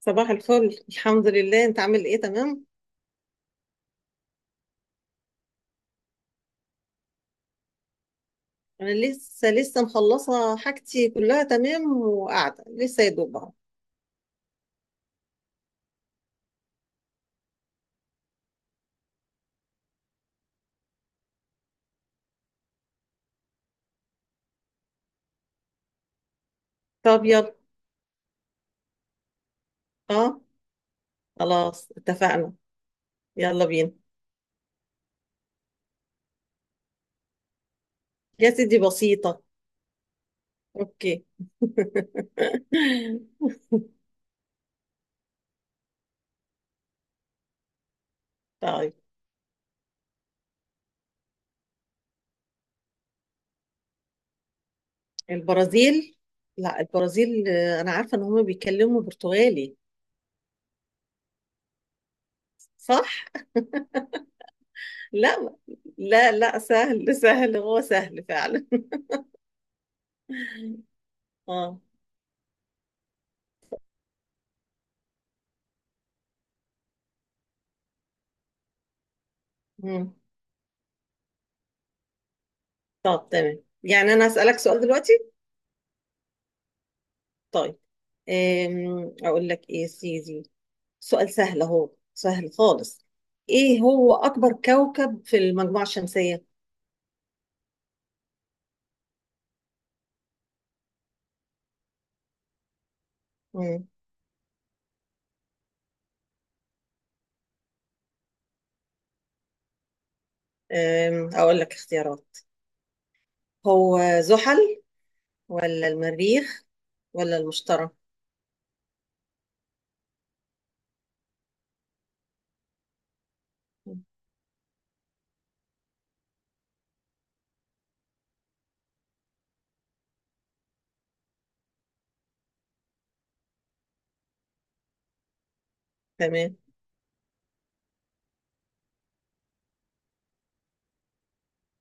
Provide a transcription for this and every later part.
صباح الفل، الحمد لله، انت عامل ايه؟ تمام. انا لسه مخلصه حاجتي كلها تمام، وقاعده لسه يا دوب اهو. طب يلا. اه، خلاص اتفقنا. يلا بينا يا سيدي، بسيطه. اوكي. طيب. البرازيل. لا، البرازيل، انا عارفه ان هم بيتكلموا برتغالي. صح. لا، لا، لا، سهل سهل، هو سهل فعلا. اه. مم. طب تمام، يعني انا اسالك سؤال دلوقتي؟ طيب. اقول لك ايه يا سيدي؟ سؤال سهل اهو، سهل خالص. ايه هو اكبر كوكب في المجموعة الشمسية؟ مم. اقول لك اختيارات. هو زحل ولا المريخ ولا المشتري؟ مم. تمام.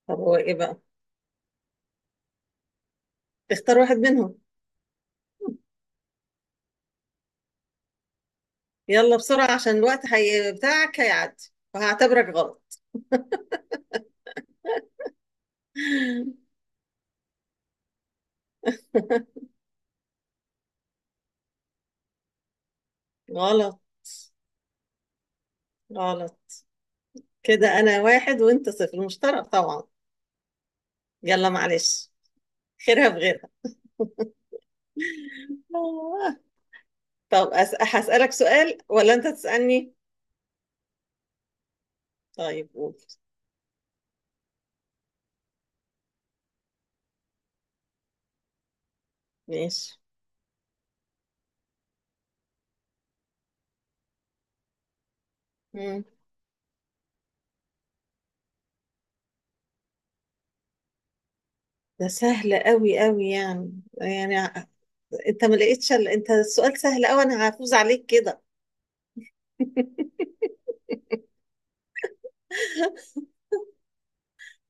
طب هو ايه بقى؟ اختار واحد منهم. يلا بسرعة عشان الوقت هي بتاعك هيعدي، وهعتبرك غلط. غلط. غلط. كده انا واحد وانت صفر، المشترك طبعا. يلا معلش، خيرها بغيرها. طب هسألك سؤال ولا أنت تسألني؟ طيب قول. ماشي. مم. ده سهل قوي قوي يعني أنت ما لقيتش أنت السؤال سهل قوي، أنا هفوز عليك كده.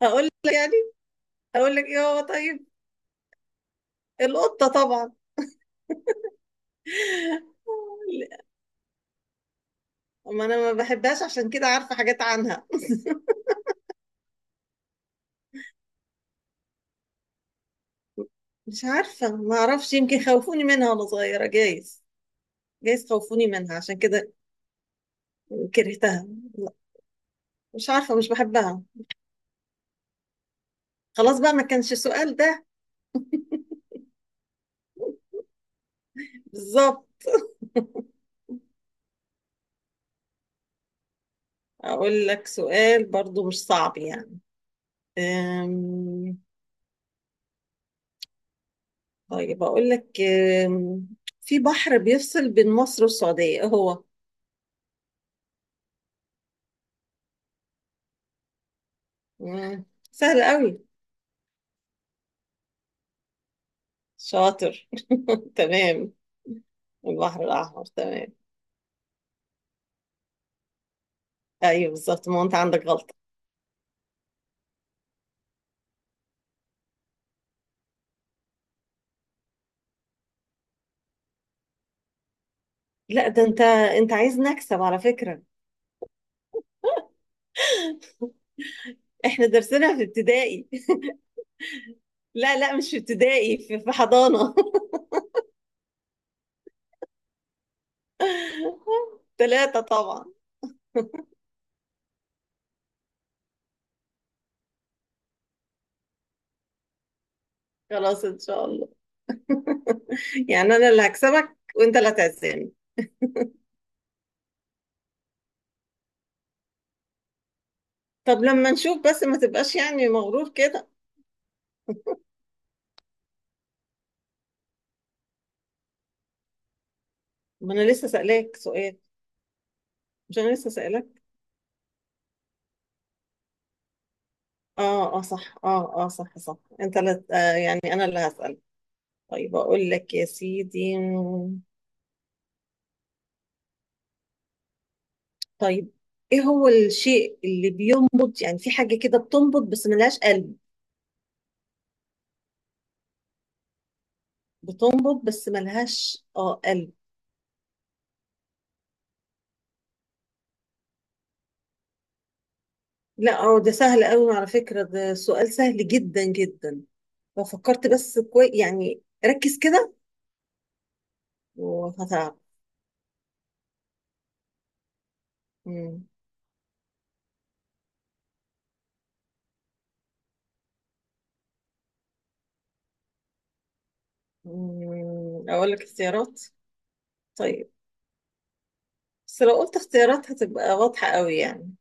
هقول لك يعني، هقول لك إيه هو؟ طيب. القطة طبعا. ما أنا ما بحبهاش، عشان كده عارفة حاجات عنها. مش عارفة، ما أعرفش، يمكن خوفوني منها وأنا صغيرة، جايز. جايز خوفوني منها عشان كده كرهتها. لا. مش عارفة، مش بحبها. خلاص بقى، ما كانش السؤال ده. بالظبط. أقول لك سؤال برضو مش صعب يعني. أم... طيب أقول لك في بحر بيفصل بين مصر والسعودية، إيه هو؟ مم، سهل قوي. شاطر. تمام. البحر الأحمر، تمام. أيوه بالظبط، ما هو أنت عندك غلطة. لا ده أنت عايز نكسب على فكرة. إحنا درسنا في ابتدائي. لا لا، مش في ابتدائي، في حضانة. ثلاثة طبعا. خلاص إن شاء الله. يعني أنا اللي هكسبك وأنت اللي هتعزمني. طب لما نشوف، بس ما تبقاش يعني مغرور كده. ما انا لسه سألاك سؤال. مش انا لسه سألاك. اه اه صح اه اه صح صح انت لا يعني انا اللي هسأل. طيب اقول لك يا سيدي. طيب. ايه هو الشيء اللي بينبض، يعني في حاجة كده بتنبض بس ملهاش قلب؟ بتنبض بس ملهاش قلب. لا اه، ده سهل قوي على فكرة، ده سؤال سهل جدا جدا. لو فكرت بس كويس يعني، ركز كده. وهتعرف. مم. أقول لك اختيارات. طيب. بس لو قلت اختيارات هتبقى واضحة قوي يعني.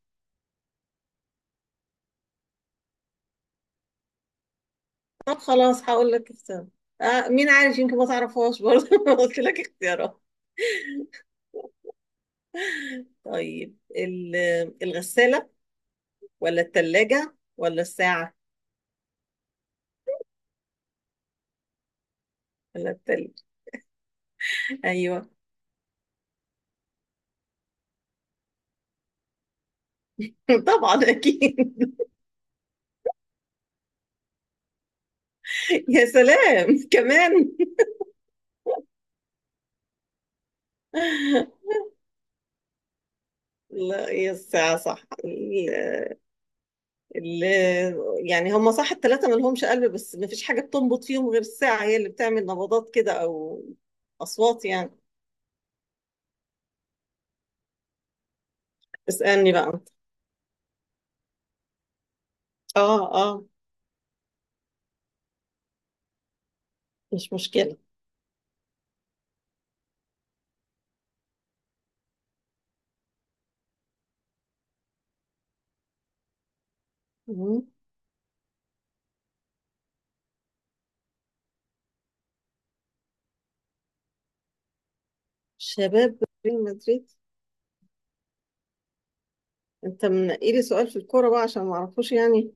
طب خلاص، هقول لك اختيارات. مين عارف يمكن ما تعرفهاش برضه. لو قلت لك اختيارات. طيب الغسالة ولا التلاجة ولا الساعة؟ ولا التل أيوة. طبعا أكيد. يا سلام كمان. لا هي الساعة، صح. يعني هم صح الثلاثة ما لهمش قلب، بس ما فيش حاجة بتنبض فيهم غير الساعة، هي اللي بتعمل نبضات كده أو أصوات يعني. اسألني بقى أنت. آه، آه. مش مشكلة. مم. شباب ريال مدريد. أنت منقي لي سؤال في الكورة بقى، عشان ما أعرفوش يعني.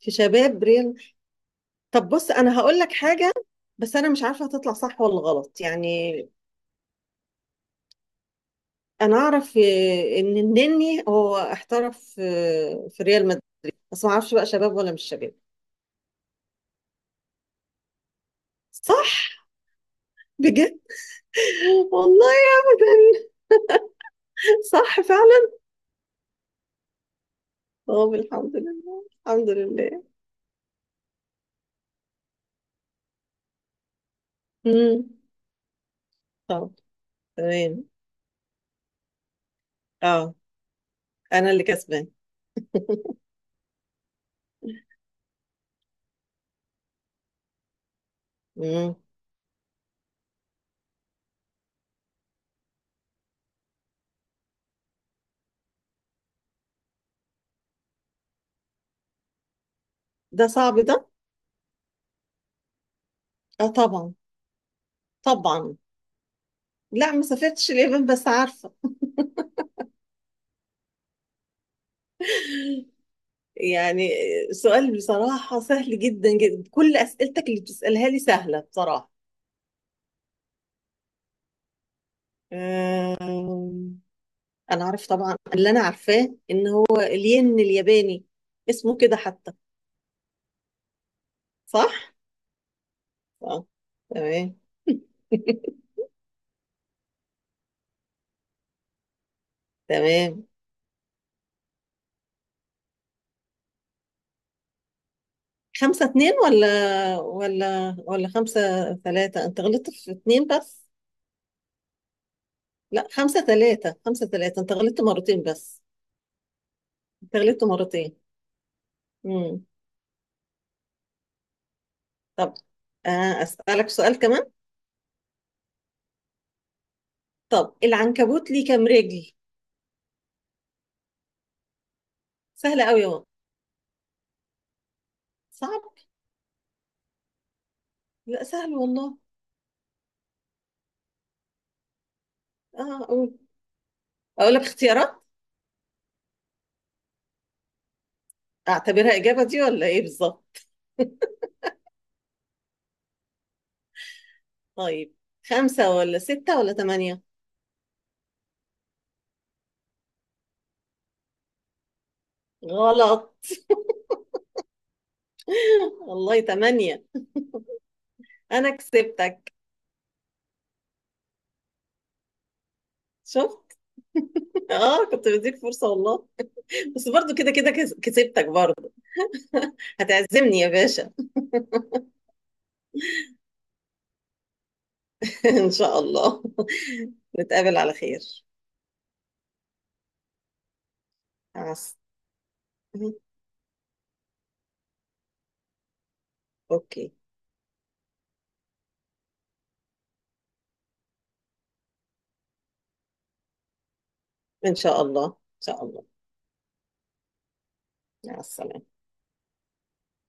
في شباب ريال. طب بص، أنا هقول لك حاجة. بس أنا مش عارفة هتطلع صح ولا غلط يعني. أنا أعرف إن النني هو احترف في ريال مدريد. بس ما أعرفش بقى شباب ولا مش شباب. صح. بجد. والله. ابدا. صح فعلا. اه، الحمد لله، الحمد لله. امم. طب تمام. اه انا اللي كسبان. امم. ده صعب ده. اه طبعا. طبعا. لا ما سافرتش اليابان بس عارفه. يعني سؤال بصراحه سهل جدا جدا، كل اسئلتك اللي بتسالها لي سهله بصراحه. أمم، انا عارف طبعا، اللي انا عارفاه ان هو الين الياباني، اسمه كده حتى. صح. اه. تمام. تمام. 5-2 ولا 5-3، انت غلطت في اتنين بس. لا، 5-3، 5-3، انت غلطت مرتين بس. انت غلطت مرتين. امم. طب. اسألك سؤال كمان. طب العنكبوت ليه كام رجل؟ سهلة قوي اهو. صعب. لا سهل والله. اه، اقول. اقول لك اختيارات. اعتبرها اجابة دي ولا ايه بالظبط؟ طيب، خمسة ولا ستة ولا تمانية؟ غلط. والله تمانية. انا كسبتك. شفت. اه كنت بديك فرصة والله. بس برضو كده كده كسبتك برضو. هتعزمني يا باشا. ان شاء الله. نتقابل على خير. مع الس- أمم، اوكي. ان شاء الله، ان شاء الله. مع السلامة.